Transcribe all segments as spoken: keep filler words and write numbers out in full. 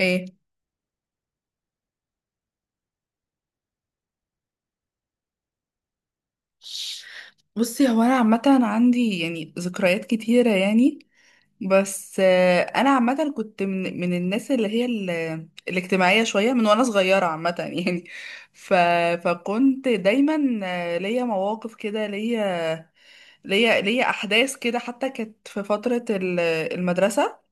ايه. بصي، هو انا عامه عندي يعني ذكريات كتيره يعني. بس آه، انا عامه كنت من من الناس اللي هي ال- الاجتماعيه شويه من وانا صغيره عامه يعني. ف فكنت دايما آه، ليا مواقف كده، ليا ليا ليا احداث كده، حتى كانت في فتره ال- المدرسه.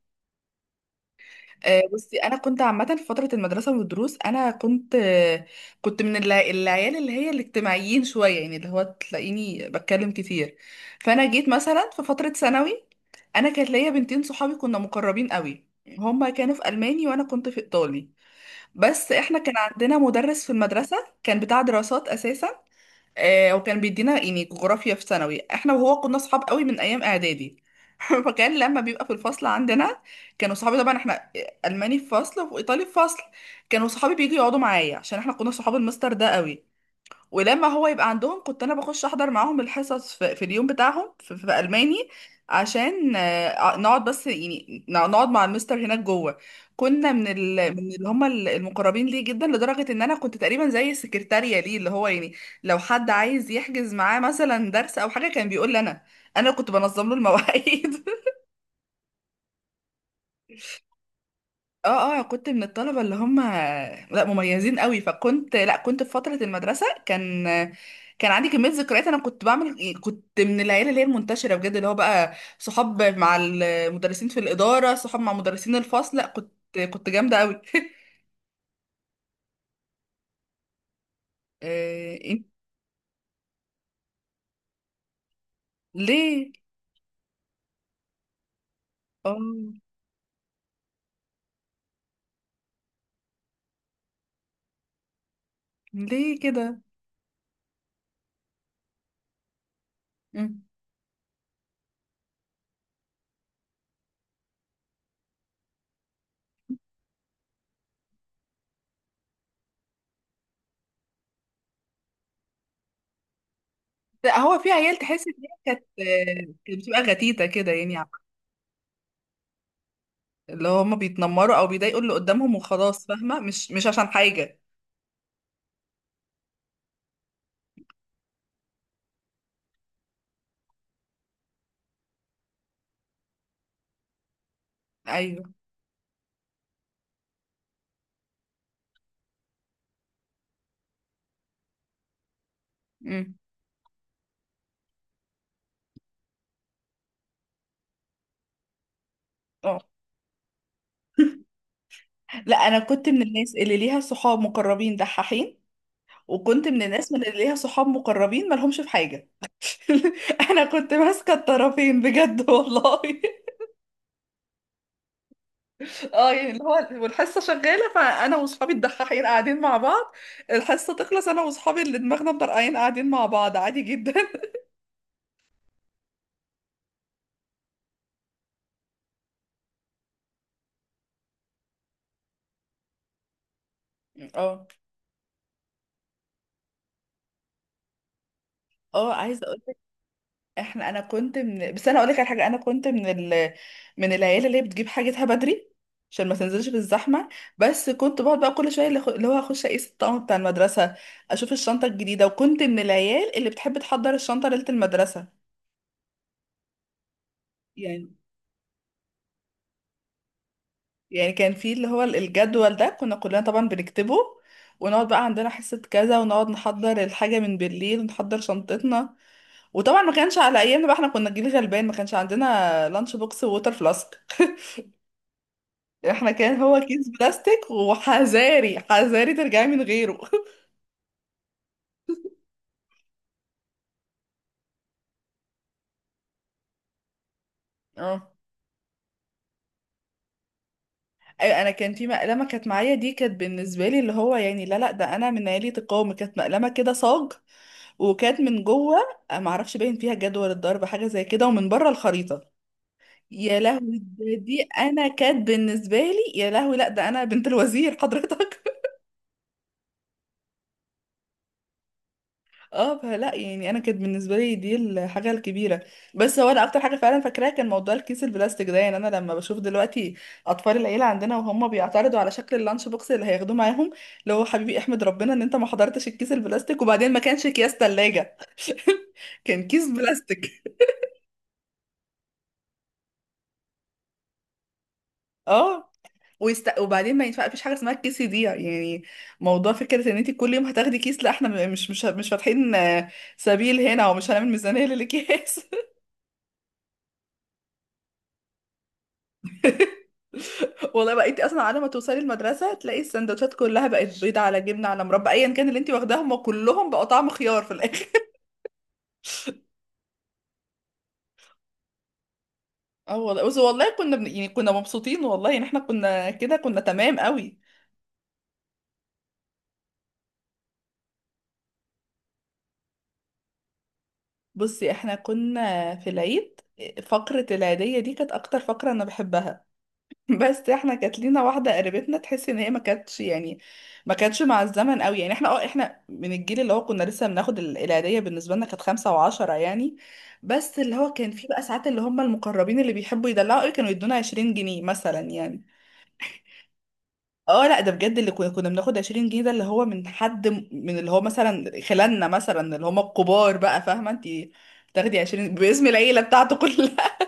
آه، بصي انا كنت عامه في فتره المدرسه والدروس. انا كنت آه، كنت من الع- العيال اللي هي الاجتماعيين شويه، يعني اللي هو تلاقيني بتكلم كتير. فانا جيت مثلا في فتره ثانوي، انا كانت ليا بنتين صحابي كنا مقربين قوي. هما كانوا في الماني وانا كنت في ايطالي، بس احنا كان عندنا مدرس في المدرسه كان بتاع دراسات اساسا. آه وكان بيدينا يعني جغرافيا في ثانوي، احنا وهو كنا صحاب قوي من ايام اعدادي. فكان لما بيبقى في الفصل عندنا كانوا صحابي، طبعا احنا آه، الماني في فصل وايطالي في فصل، كانوا صحابي بييجوا يقعدوا معايا عشان احنا كنا صحاب المستر ده قوي. ولما هو يبقى عندهم كنت انا بخش احضر معاهم الحصص في, في اليوم بتاعهم في, في الماني عشان آه، نقعد بس يعني نقعد مع المستر هناك جوه. كنا من ال... من اللي هم المقربين ليه جدا، لدرجه ان انا كنت تقريبا زي السكرتاريه ليه، اللي هو يعني لو حد عايز يحجز معاه مثلا درس او حاجه كان بيقول لي انا. انا كنت بنظم له المواعيد. اه اه، كنت من الطلبة اللي هم، لا مميزين قوي. فكنت، لا كنت في فترة المدرسة، كان كان عندي كمية ذكريات. انا كنت بعمل إيه، كنت من العيلة اللي هي المنتشرة بجد، اللي هو بقى صحاب مع المدرسين في الإدارة، صحاب مع مدرسين الفصل. لا كنت كنت جامدة قوي. آه، إنت- ليه؟ اه. ليه كده؟ مم. لا، هو في عيال تحس ان هي كانت كانت بتبقى غتيتة كده يعني، اللي هم بيتنمروا او بيضايقوا اللي قدامهم وخلاص. فاهمة؟ مش مش عشان حاجة. ايوه. امم. اه. لا، انا كنت من الناس اللي ليها صحاب مقربين دحاحين، وكنت من الناس من اللي ليها صحاب مقربين مالهمش في حاجه. انا كنت ماسكه الطرفين بجد والله. اه يعني اللي هو والحصه شغاله فانا واصحابي الدحاحين قاعدين مع بعض. الحصه تخلص انا واصحابي اللي دماغنا مطرقعين قاعدين مع بعض، عادي جدا. اه. اه، عايزه. احنا انا كنت من بس انا اقول لك على حاجه. انا كنت من ال... من العيال اللي هي بتجيب حاجتها بدري عشان ما تنزلش في الزحمه. بس كنت بقعد بقى كل شويه اللي خ- اللي هو اخش اقيس الطقم بتاع المدرسه، اشوف الشنطه الجديده. وكنت من العيال اللي بتحب تحضر الشنطه ليله المدرسه يعني. يعني كان في اللي هو الجدول ده كنا كلنا طبعا بنكتبه، ونقعد بقى عندنا حصة كذا ونقعد نحضر الحاجة من بالليل ونحضر شنطتنا. وطبعا ما كانش على ايامنا بقى، احنا كنا جيل غلبان، ما كانش عندنا لانش بوكس ووتر فلاسك. احنا كان هو كيس بلاستيك، وحذاري حذاري ترجعي من غيره. اه. أيوة، انا كان في مقلمه كانت معايا دي، كانت بالنسبه لي اللي هو يعني، لا لا ده انا من عيله القوم. كانت مقلمه كده صاج، وكانت من جوه ما اعرفش باين فيها جدول الضرب حاجه زي كده، ومن بره الخريطه. يا لهوي، ده دي انا كانت بالنسبه لي، يا لهوي، لا ده انا بنت الوزير حضرتك. اه، فلا يعني انا كانت بالنسبه لي دي الحاجه الكبيره. بس هو انا اكتر حاجه فعلا فاكراها كان موضوع الكيس البلاستيك ده. يعني انا لما بشوف دلوقتي اطفال العيله عندنا وهم بيعترضوا على شكل اللانش بوكس اللي هياخدوه معاهم، اللي هو حبيبي احمد ربنا ان انت ما حضرتش الكيس البلاستيك. وبعدين ما كانش اكياس ثلاجه. كان كيس بلاستيك. اه، ويست... وبعدين ما ينفع، مفيش حاجه اسمها الكيس يضيع يعني، موضوع فكره ان انت كل يوم هتاخدي كيس. لا، احنا م- مش مش مش فاتحين آه، سبيل هنا، ومش هنعمل ميزانيه للاكياس. والله بقى انت اصلا على ما توصلي المدرسه تلاقي السندوتشات كلها بقت بيض على جبنه على مربى، ايا كان اللي انت واخداه هم كلهم بقوا طعم خيار في الاخر. اه والله، بس والله كنا بن... يعني كنا مبسوطين والله ان احنا كنا كده، كنا تمام قوي. بصي احنا كنا في العيد، فقره العيديه دي كانت اكتر فقره انا بحبها. بس احنا كانت لينا واحده قريبتنا تحس ان هي ما كانتش يعني ما كانتش مع الزمن قوي. يعني احنا، اه، احنا من الجيل اللي هو كنا لسه بناخد ال- العيديه. بالنسبه لنا كانت خمسة وعشرة يعني. بس اللي هو كان في بقى ساعات اللي هم المقربين اللي بيحبوا يدلعوا قوي كانوا يدونا عشرين جنيه مثلا يعني. اه لا، ده بجد اللي كنا كنا بناخد عشرين جنيه ده، اللي هو من حد، م- من اللي هو مثلا خلالنا، مثلا اللي هم الكبار بقى، فاهمه انت تاخدي عشرين باسم العيله بتاعته كلها.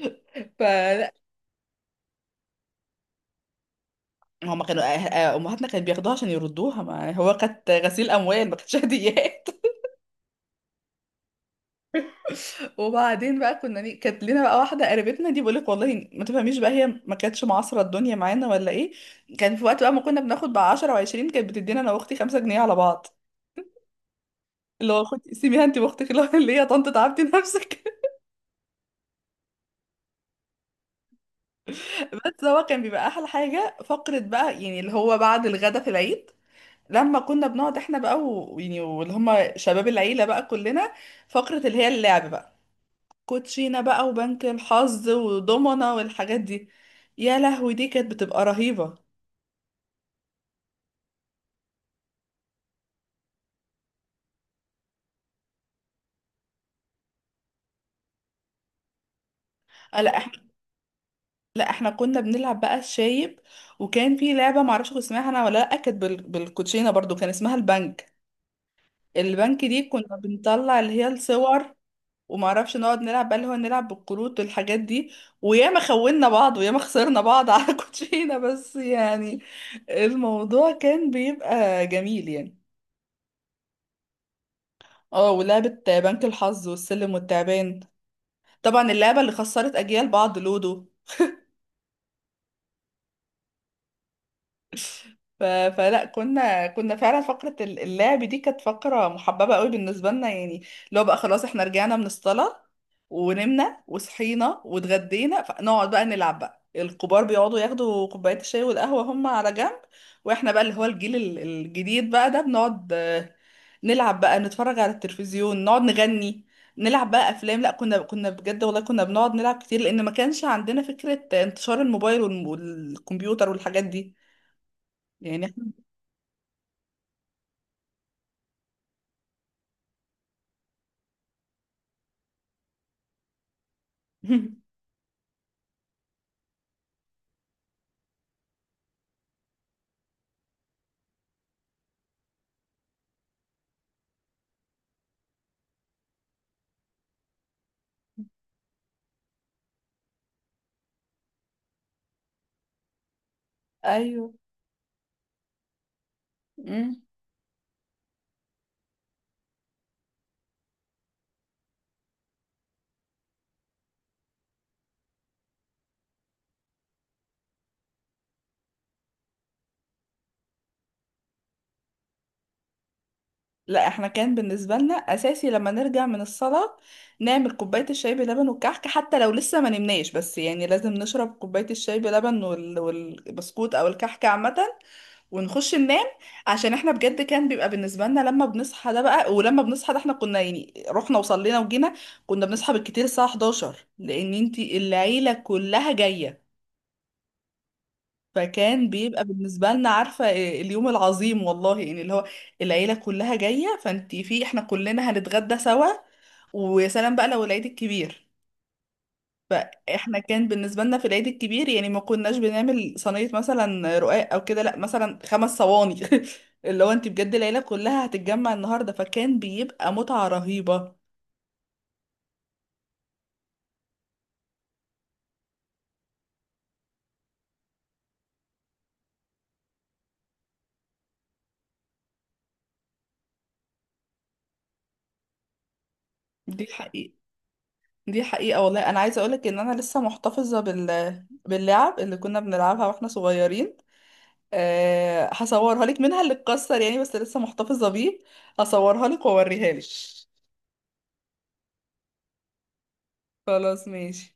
فلا، هما كانوا آه، آه، امهاتنا كانت بياخدوها عشان يردوها. ما يعني هو كانت غسيل اموال، ما كانتش هديات. وبعدين بقى، كنا ليه- كانت لينا بقى واحده قريبتنا دي، بقولك والله ما تفهميش بقى، هي ما كانتش معاصره الدنيا معانا ولا ايه. كان في وقت بقى ما كنا بناخد بقى عشرة و20 كانت بتدينا انا واختي خمسة جنيه على بعض، اللي هو خد، سيبيها انت واختك اللي هو اللي هي، يا طنط تعبتي نفسك. بس هو كان بيبقى احلى حاجه فقره بقى يعني، اللي هو بعد الغدا في العيد لما كنا بنقعد احنا بقى و- ويعني واللي هم شباب العيله بقى كلنا فقره اللي هي اللعب بقى، كوتشينة بقى وبنك الحظ ودومنا والحاجات دي. يا لهوي، دي كانت بتبقى رهيبة. آه، لا احنا لا احنا كنا بنلعب بقى الشايب. وكان في لعبة معرفش كنت اسمها انا ولا لا، كانت بال- بالكوتشينة برضو، كان اسمها البنك. البنك دي كنا بنطلع اللي هي الصور، ومعرفش نقعد نلعب بقى اللي هو نلعب بالكروت والحاجات دي. وياما خوننا بعض وياما خسرنا بعض على كوتشينة، بس يعني الموضوع كان بيبقى جميل يعني. اه، ولعبة بنك الحظ والسلم والتعبان، طبعا اللعبة اللي خسرت أجيال بعض، لودو. ف... فلا، كنا كنا فعلا فقرة ال- اللعب دي كانت فقرة محببة قوي بالنسبة لنا يعني. اللي هو بقى خلاص احنا رجعنا من الصلاة ونمنا وصحينا واتغدينا، فنقعد بقى نلعب بقى. الكبار بيقعدوا ياخدوا كوباية الشاي والقهوة هم على جنب، واحنا بقى اللي هو الجيل ال- الجديد بقى ده بنقعد آه، نلعب بقى، نتفرج على التلفزيون، نقعد نغني، نلعب بقى افلام. لا، كنا كنا بجد والله كنا بنقعد نلعب كتير، لان ما كانش عندنا فكرة انتشار الموبايل والم- والكمبيوتر والحاجات دي يعني. ايوه. لا احنا كان بالنسبة لنا أساسي لما نرجع من الصلاة نعمل كوباية الشاي بلبن والكحك، حتى لو لسه ما نمناش، بس يعني لازم نشرب كوباية الشاي بلبن وال- والبسكوت أو الكحك عامة، ونخش ننام. عشان احنا بجد كان بيبقى بالنسبة لنا لما بنصحى ده بقى، ولما بنصحى ده احنا كنا يعني رحنا وصلينا وجينا، كنا بنصحى بالكتير الساعة الحداشر لأن انتي العيلة كلها جاية. فكان بيبقى بالنسبة لنا عارفة إيه، اليوم العظيم والله يعني اللي هو العيلة كلها جاية، فانتي في احنا كلنا هنتغدى سوا. ويا سلام بقى لو العيد الكبير. فاحنا كان بالنسبة لنا في العيد الكبير يعني ما كناش بنعمل صينية مثلا رقاق او كده، لا مثلا خمس صواني. اللي هو انتي بجد العيلة كلها هتتجمع النهاردة، فكان بيبقى متعة رهيبة. دي حقيقة. دي حقيقة والله. انا عايزة اقولك ان انا لسه محتفظة بال... باللعب اللي كنا بنلعبها واحنا صغيرين. أه هصورها لك، منها اللي اتكسر يعني بس لسه محتفظة بيه. هصورها لك واوريها لك. خلاص ماشي.